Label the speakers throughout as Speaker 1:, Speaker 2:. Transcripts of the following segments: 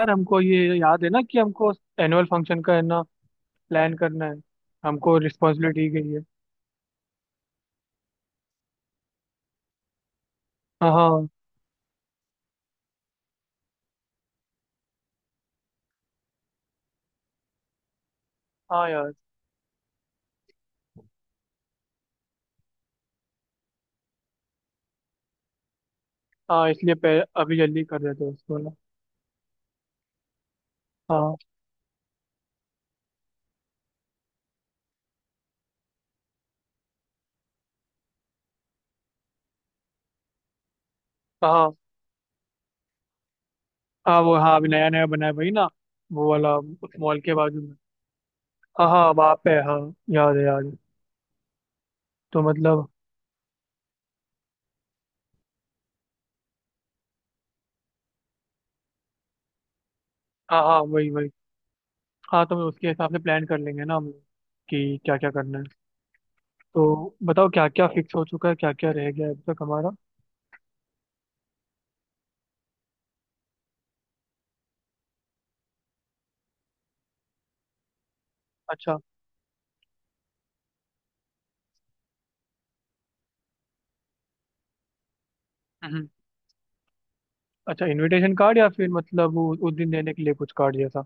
Speaker 1: यार हमको ये याद है ना कि हमको एनुअल फंक्शन का है ना प्लान करना है। हमको रिस्पॉन्सिबिलिटी दी गई है। हाँ हाँ। हाँ यार। हाँ इसलिए अभी जल्दी कर देते हैं उसको ना। हाँ हाँ। हाँ वो, हाँ अभी नया नया बना है भाई ना। वो वाला उस मॉल के बाजू में। हाँ हाँ, वहाँ पे है, हाँ। याद है याद है। तो मतलब। हाँ हाँ, वही वही। हाँ, तो उसके हिसाब से प्लान कर लेंगे ना हम लोग कि क्या क्या करना है। तो बताओ क्या क्या फिक्स हो चुका है, क्या क्या रह गया है अब तक हमारा। अच्छा। अच्छा, इनविटेशन कार्ड या फिर मतलब वो उस दिन देने के लिए कुछ कार्ड जैसा।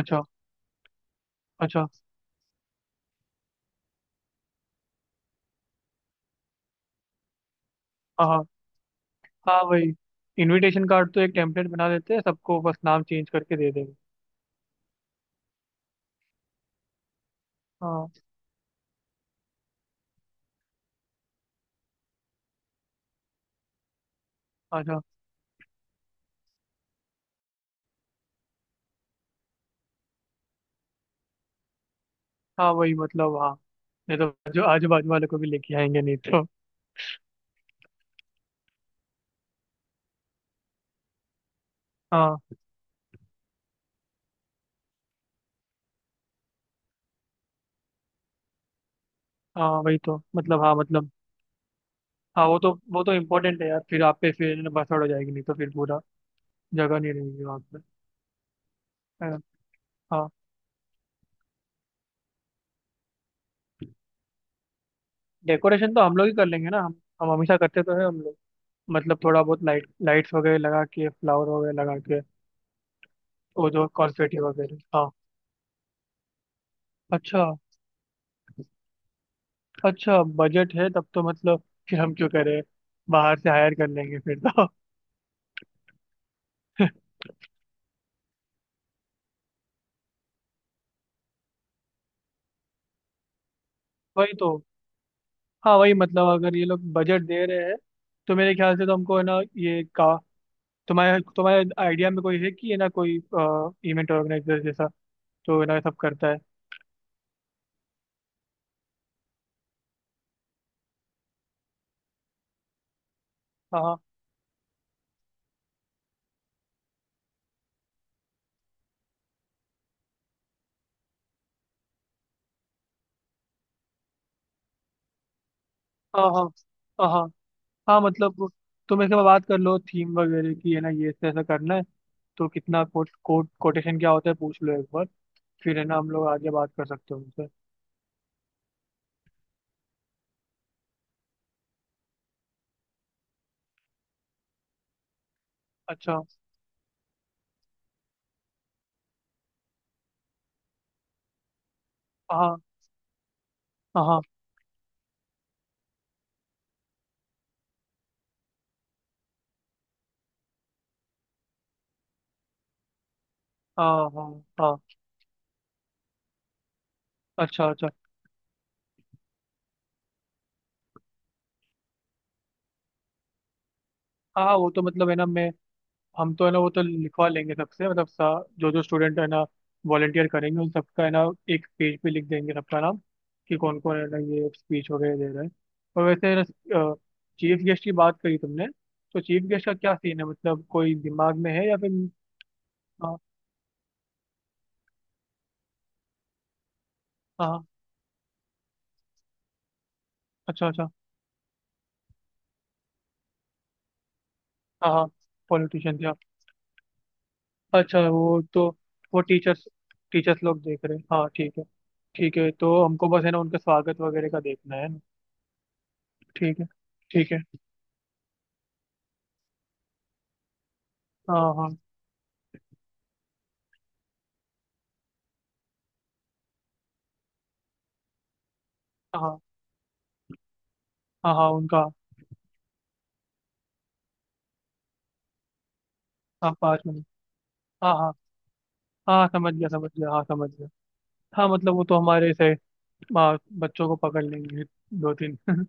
Speaker 1: अच्छा। अच्छा। हाँ हाँ। हाँ वही। इनविटेशन कार्ड तो एक टेम्पलेट बना देते हैं, सबको बस नाम चेंज करके दे देंगे। हाँ। अच्छा। हाँ वही मतलब हाँ। नहीं तो जो आजू बाजू वाले को भी लेके आएंगे नहीं तो। हाँ हाँ वही तो, मतलब हाँ मतलब। हाँ वो तो इम्पोर्टेंट है यार, फिर आप पे फिर बसड़ हो जाएगी नहीं तो, फिर पूरा जगह नहीं रहेगी वहाँ पे। है ना? हाँ। डेकोरेशन तो हम लोग ही कर लेंगे ना। हम हमेशा करते तो है हम लोग। मतलब थोड़ा बहुत लाइट लाइट्स वगैरह लगा के, फ्लावर वगैरह लगा के। वो जो कॉन्फेटी वगैरह, हाँ। अच्छा। अच्छा, बजट है, तब तो मतलब फिर हम क्यों करें। बाहर से हायर कर लेंगे फिर तो। वही तो। हाँ वही, मतलब अगर ये लोग बजट दे रहे हैं, तो मेरे ख्याल से तो हमको है ना ये का। तुम्हारे तुम्हारे आइडिया में कोई है कि, है ना कोई इवेंट ऑर्गेनाइजर जैसा, तो है ना सब करता है। हाँ हाँ हाँ हाँ हाँ हाँ। हाँ, मतलब तुम इसके बाद बात कर लो थीम वगैरह की, है ना ये ऐसा ऐसा करना है। तो कितना कोट कोट कोटेशन क्या होता है पूछ लो एक बार। फिर है ना हम लोग आगे बात कर सकते हैं उनसे। अच्छा। हाँ हाँ हाँ हाँ हाँ हाँ, अच्छा अच्छा। हाँ हाँ, वो तो मतलब है ना मैं। हम तो है ना वो तो लिखवा लेंगे सबसे, मतलब जो जो स्टूडेंट है ना वॉलेंटियर करेंगे उन सबका है ना। एक पेज पे लिख देंगे सबका नाम, कि कौन कौन है ना ये स्पीच वगैरह दे रहा है। और वैसे है ना, चीफ गेस्ट की बात करी तुमने, तो चीफ गेस्ट का क्या सीन है, मतलब कोई दिमाग में है या फिर। हाँ हाँ हाँ, अच्छा अच्छा। हाँ हाँ, पॉलिटिशियन। अच्छा वो तो, वो टीचर्स टीचर्स लोग देख रहे हैं, हाँ ठीक है। ठीक है, तो हमको बस है ना उनका स्वागत वगैरह का देखना है ना। ठीक है। ठीक है हाँ हाँ हाँ हाँ। हाँ उनका। हाँ 5 मिनट। हाँ हाँ। हाँ समझ गया समझ गया, हाँ समझ गया। हाँ मतलब वो तो हमारे से बच्चों को पकड़ लेंगे दो तीन।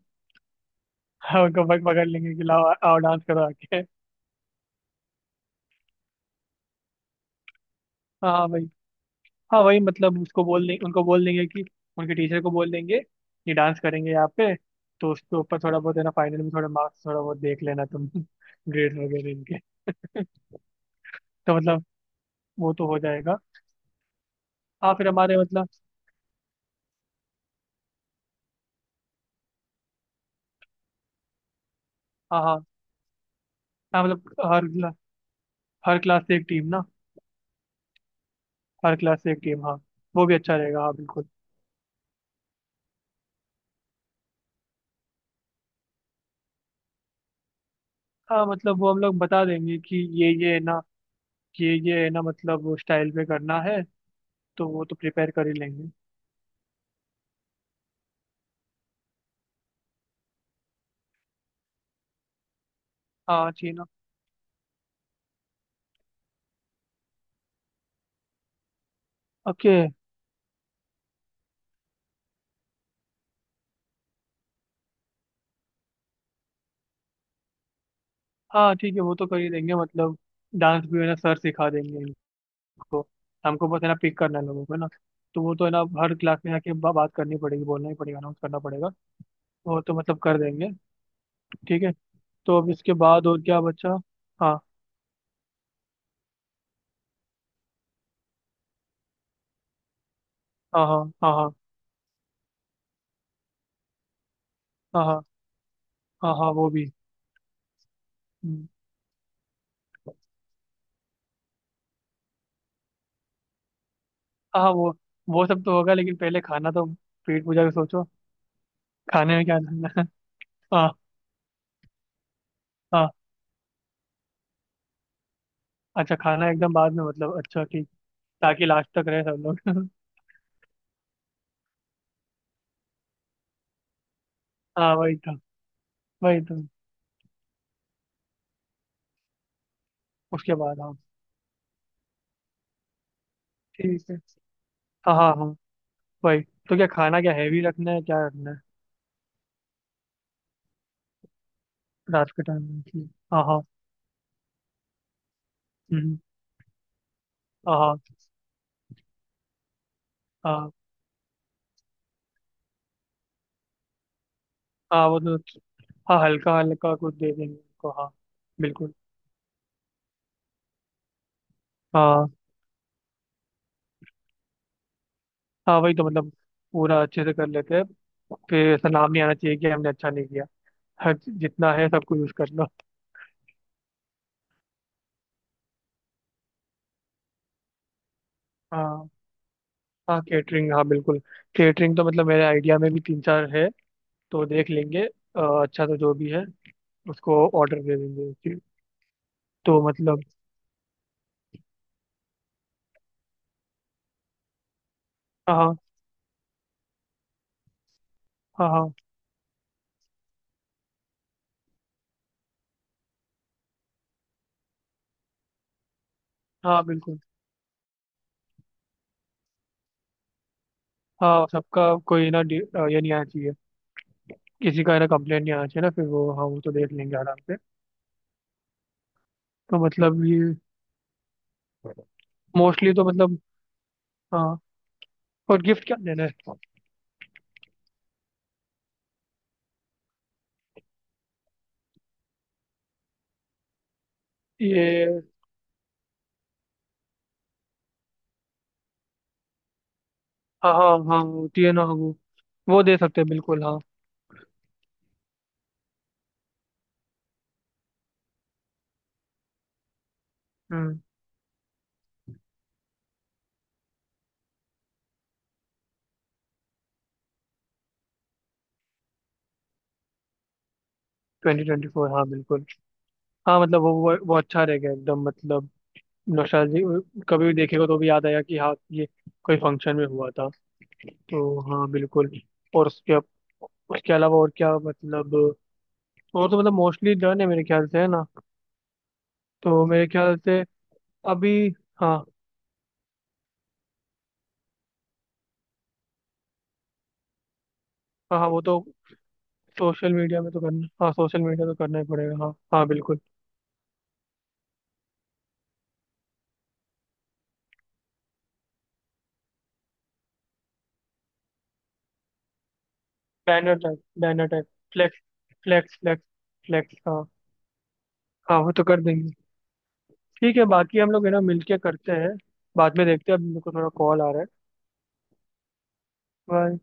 Speaker 1: हाँ उनको पकड़ लेंगे कि लाओ आओ डांस करो आके। हाँ हाँ, भाई। हाँ वही, मतलब उसको बोल दें उनको बोल देंगे कि उनके टीचर को बोल देंगे ये डांस करेंगे यहाँ पे। तो उसके ऊपर थोड़ा बहुत है ना फाइनल में थोड़ा मार्क्स थोड़ा बहुत देख लेना तुम, ग्रेड वगैरह इनके। तो मतलब वो तो हो जाएगा। हाँ फिर हमारे मतलब। हाँ हाँ। हाँ मतलब हर क्लास से एक टीम ना। हर क्लास से एक टीम, हाँ। वो भी अच्छा रहेगा, हाँ बिल्कुल। हाँ मतलब वो हम लोग बता देंगे कि ये है ना, ये है ना मतलब स्टाइल पे करना है। तो वो तो प्रिपेयर कर ही लेंगे। हाँ जी ना। ओके। हाँ ठीक है, वो तो कर ही देंगे मतलब। डांस भी है ना सर सिखा देंगे इनको। हमको बस है ना पिक करना है लोगों को, है ना। तो वो तो है ना हर क्लास में जाके बात करनी पड़ेगी, बोलना ही पड़ेगा, अनाउंस करना पड़ेगा। वो तो मतलब कर देंगे। ठीक है। तो अब इसके बाद और क्या बच्चा। हाँ हाँ हाँ हाँ हाँ हाँ हाँ हाँ हाँ वो भी। हम्म, हाँ हाँ, वो सब तो होगा, लेकिन पहले खाना तो। पेट पूजा के सोचो। खाने में क्या करना है। हाँ हाँ। अच्छा खाना एकदम बाद में, मतलब अच्छा ठीक। ताकि लास्ट तक रहे सब लोग। हाँ वही तो। वही तो। उसके बाद हाँ। ठीक है। हाँ हाँ हाँ वही। तो क्या खाना, क्या हैवी रखना है क्या रखना है। रात के टाइम में ठीक, हाँ हाँ। हम्म, हाँ हाँ। हाँ हाँ वो तो। हाँ हल्का हल्का कुछ दे देंगे उनको, हाँ। बिल्कुल। हाँ हाँ वही तो, मतलब पूरा अच्छे से कर लेते हैं। फिर ऐसा नाम नहीं आना चाहिए कि हमने अच्छा नहीं किया। हर जितना है सब कुछ यूज़ कर लो। हाँ। हाँ केटरिंग, हाँ बिल्कुल। केटरिंग तो मतलब मेरे आइडिया में भी तीन चार है, तो देख लेंगे। अच्छा तो जो भी है उसको ऑर्डर दे देंगे फिर। तो मतलब। हाँ हाँ हाँ हाँ। हाँ बिल्कुल। हाँ सबका, कोई ना ये नहीं आना चाहिए। किसी का है ना कंप्लेंट नहीं आना चाहिए ना फिर, वो हाँ, वो तो देख लेंगे आराम से। तो मतलब ये, मोस्टली तो मतलब। हाँ। और गिफ्ट क्या देना है। ये, हाँ हाँ हाँ, होती है ना वो। वो दे सकते हैं बिल्कुल, हाँ। हम्म। 2024, हाँ बिल्कुल। हाँ मतलब वो अच्छा रहेगा एकदम, मतलब नौशाद कभी भी देखेगा तो भी याद आया कि हाँ ये कोई फंक्शन में हुआ था। तो हाँ बिल्कुल। और उसके, अलावा और क्या मतलब। और तो मतलब मोस्टली डन है मेरे ख्याल से है ना। तो मेरे ख्याल से अभी। हाँ हाँ हाँ, वो तो। सोशल मीडिया में तो करना, हाँ सोशल मीडिया तो करना ही पड़ेगा, हाँ हाँ बिल्कुल। Banner type, banner type. Flex. Flex flex. Flex, हाँ। हाँ वो तो कर देंगे। ठीक है, बाकी हम लोग है ना मिलके करते हैं। बाद में देखते हैं, अभी मेरे को थोड़ा कॉल आ रहा है। बाय।